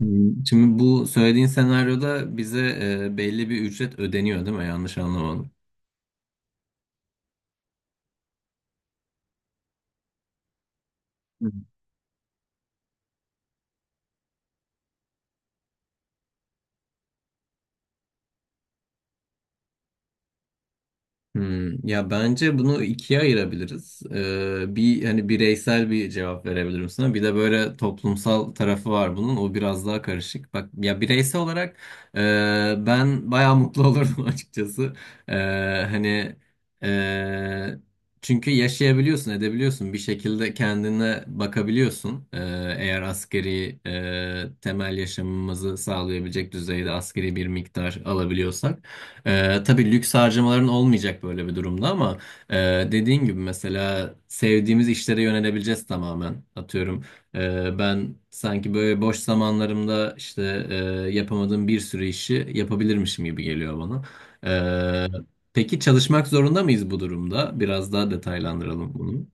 Hmm, şimdi bu söylediğin senaryoda bize belli bir ücret ödeniyor, değil mi? Yanlış anlamadım. Hmm, ya bence bunu ikiye ayırabiliriz. Bir hani bireysel bir cevap verebilirim sana. Bir de böyle toplumsal tarafı var bunun. O biraz daha karışık. Bak ya, bireysel olarak e, ben bayağı mutlu olurdum açıkçası. Ee, hani e, Çünkü yaşayabiliyorsun, edebiliyorsun. Bir şekilde kendine bakabiliyorsun. Eğer askeri temel yaşamımızı sağlayabilecek düzeyde askeri bir miktar alabiliyorsak. Tabii lüks harcamaların olmayacak böyle bir durumda ama e, dediğin gibi mesela sevdiğimiz işlere yönelebileceğiz tamamen. Atıyorum ben sanki böyle boş zamanlarımda işte yapamadığım bir sürü işi yapabilirmişim gibi geliyor bana. E, peki çalışmak zorunda mıyız bu durumda? Biraz daha detaylandıralım bunu.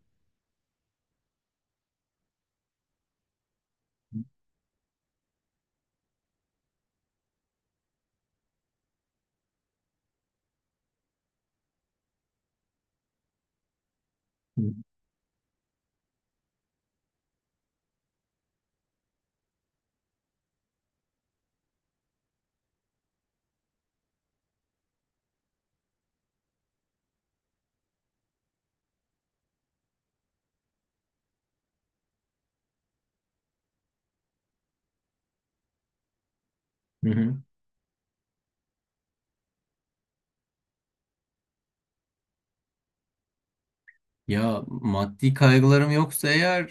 Hı hı. Ya maddi kaygılarım yoksa eğer,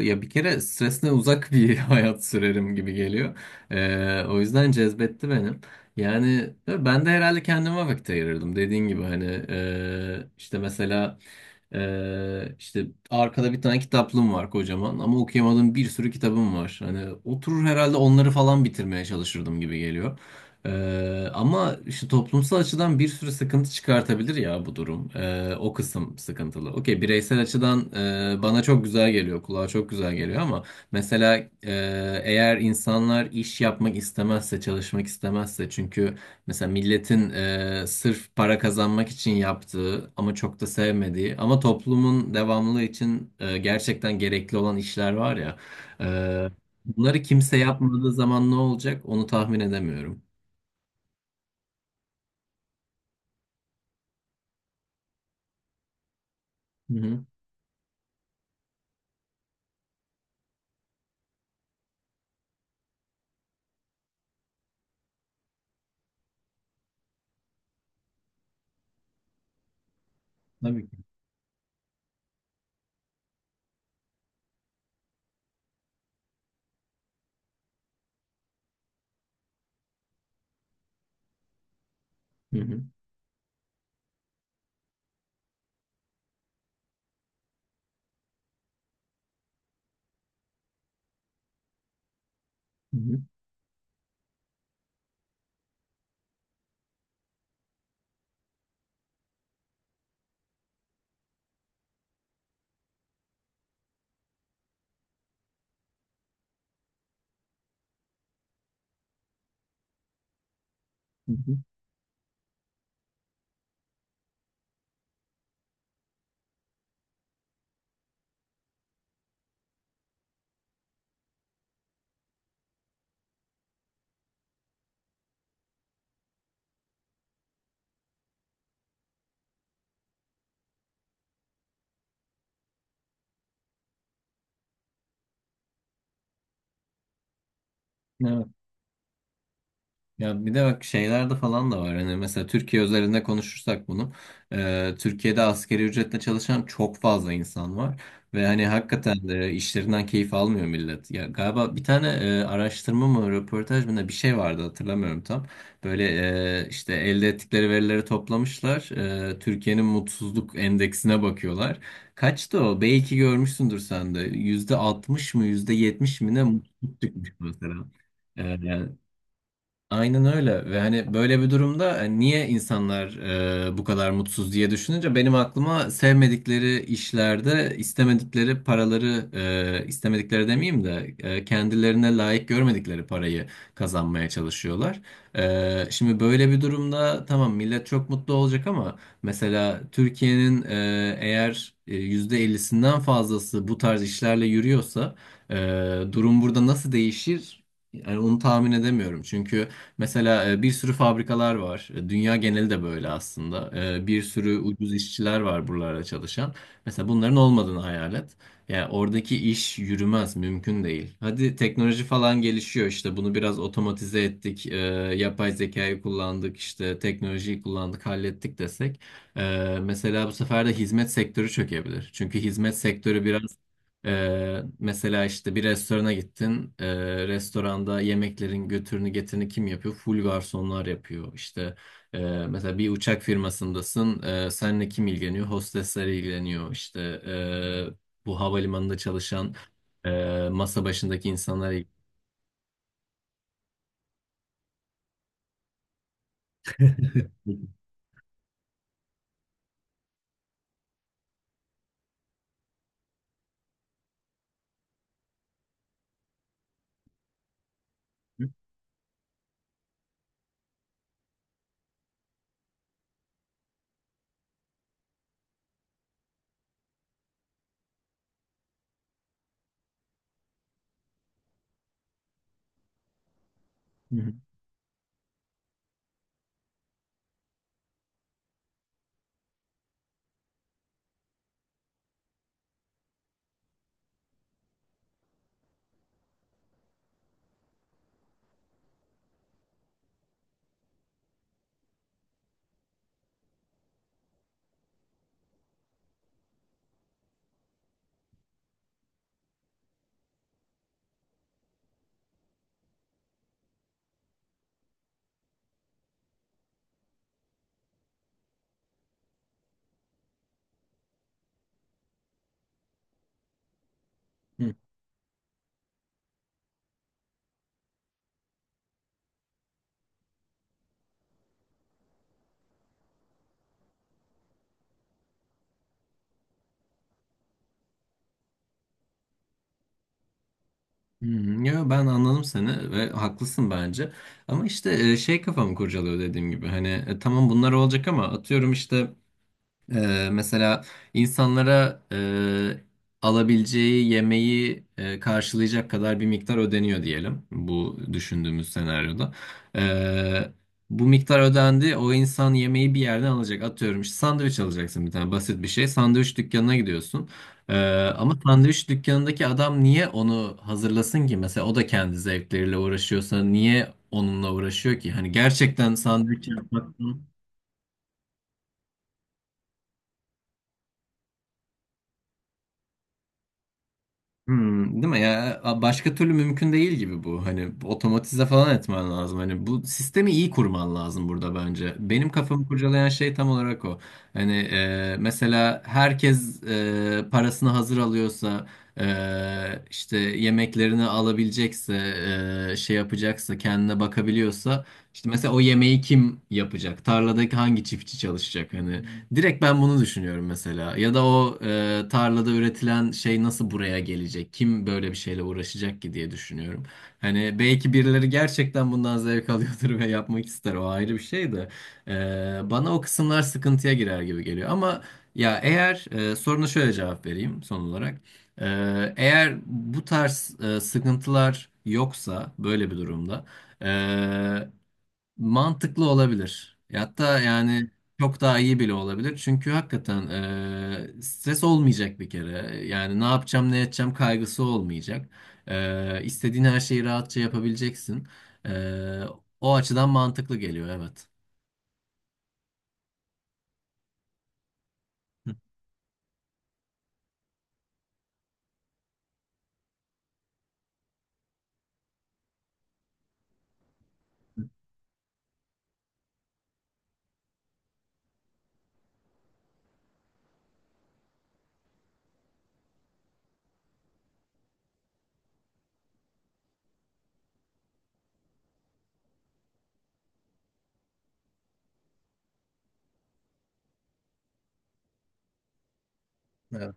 ya bir kere stresle uzak bir hayat sürerim gibi geliyor. O yüzden cezbetti benim. Yani ben de herhalde kendime vakit ayırırdım dediğin gibi, hani işte mesela işte arkada bir tane kitaplığım var kocaman ama okuyamadığım bir sürü kitabım var. Hani oturur herhalde onları falan bitirmeye çalışırdım gibi geliyor. Ama işte toplumsal açıdan bir sürü sıkıntı çıkartabilir ya bu durum. O kısım sıkıntılı. Okey, bireysel açıdan bana çok güzel geliyor, kulağa çok güzel geliyor, ama mesela, e, eğer insanlar iş yapmak istemezse, çalışmak istemezse, çünkü mesela milletin, sırf para kazanmak için yaptığı ama çok da sevmediği ama toplumun devamlılığı için gerçekten gerekli olan işler var ya. e, Bunları kimse yapmadığı zaman ne olacak onu tahmin edemiyorum. Hı hı. Tabii ki. Hı hı. Hı hı. Hı hı. Evet. Ya bir de bak şeylerde falan da var. Hani mesela Türkiye özelinde konuşursak bunu, Türkiye'de asgari ücretle çalışan çok fazla insan var. Ve hani hakikaten de işlerinden keyif almıyor millet. Ya galiba bir tane araştırma mı, röportaj mı ne bir şey vardı, hatırlamıyorum tam. Böyle işte elde ettikleri verileri toplamışlar. E, Türkiye'nin mutsuzluk endeksine bakıyorlar. Kaçtı o? Belki görmüşsündür sen de. Yüzde altmış mı, yüzde yetmiş mi ne mutsuzluk çıkmış mesela. Ee, Yani Aynen öyle. Ve hani böyle bir durumda hani niye insanlar bu kadar mutsuz diye düşününce benim aklıma sevmedikleri işlerde istemedikleri paraları, istemedikleri demeyeyim de kendilerine layık görmedikleri parayı kazanmaya çalışıyorlar. E, şimdi böyle bir durumda tamam millet çok mutlu olacak ama mesela Türkiye'nin, %50'sinden fazlası bu tarz işlerle yürüyorsa, e, durum burada nasıl değişir? Yani onu tahmin edemiyorum çünkü. Mesela bir sürü fabrikalar var. E, dünya geneli de böyle aslında. E, bir sürü ucuz işçiler var buralarda çalışan. Mesela bunların olmadığını hayal et. Yani oradaki iş yürümez, mümkün değil. Hadi teknoloji falan gelişiyor, işte bunu biraz otomatize ettik, yapay zekayı kullandık, işte teknolojiyi kullandık, hallettik desek. E, mesela bu sefer de hizmet sektörü çökebilir. Çünkü hizmet sektörü biraz mesela işte bir restorana gittin. Restoranda yemeklerin götürünü getirini kim yapıyor? Full garsonlar yapıyor. İşte e, mesela bir uçak firmasındasın. Seninle kim ilgileniyor? Hostesler ilgileniyor. İşte bu havalimanında çalışan masa başındaki insanlar ilgileniyor. Hı hı. Hı hı. Yo, ben anladım seni ve haklısın bence. Ama işte şey kafamı kurcalıyor dediğim gibi. Hani tamam bunlar olacak ama atıyorum işte, mesela insanlara alabileceği yemeği karşılayacak kadar bir miktar ödeniyor diyelim bu düşündüğümüz senaryoda. Ee, Bu miktar ödendi, o insan yemeği bir yerden alacak, atıyorum işte sandviç alacaksın, bir tane basit bir şey, sandviç dükkanına gidiyorsun. Ee, Ama sandviç dükkanındaki adam niye onu hazırlasın ki, mesela o da kendi zevkleriyle uğraşıyorsa niye onunla uğraşıyor ki? Hani gerçekten sandviç yapmak... Hmm, değil mi ya? Başka türlü mümkün değil gibi bu. Hani otomatize falan etmen lazım. Hani bu sistemi iyi kurman lazım burada, bence. Benim kafamı kurcalayan şey tam olarak o. Hani mesela herkes parasını hazır alıyorsa, e, işte yemeklerini alabilecekse, şey yapacaksa, kendine bakabiliyorsa, işte mesela o yemeği kim yapacak? Tarladaki hangi çiftçi çalışacak? Hani direkt ben bunu düşünüyorum mesela. Ya da o tarlada üretilen şey nasıl buraya gelecek? Kim böyle bir şeyle uğraşacak ki diye düşünüyorum. Hani belki birileri gerçekten bundan zevk alıyordur ve yapmak ister. O ayrı bir şey de. E, bana o kısımlar sıkıntıya girer gibi geliyor. Ama ya eğer, soruna şöyle cevap vereyim son olarak. E, Eğer bu tarz sıkıntılar yoksa böyle bir durumda, e, mantıklı olabilir. E, hatta yani çok daha iyi bile olabilir. Çünkü hakikaten stres olmayacak bir kere. Yani ne yapacağım ne edeceğim kaygısı olmayacak. E, istediğin her şeyi rahatça yapabileceksin. E, o açıdan mantıklı geliyor, evet. Hı. Evet.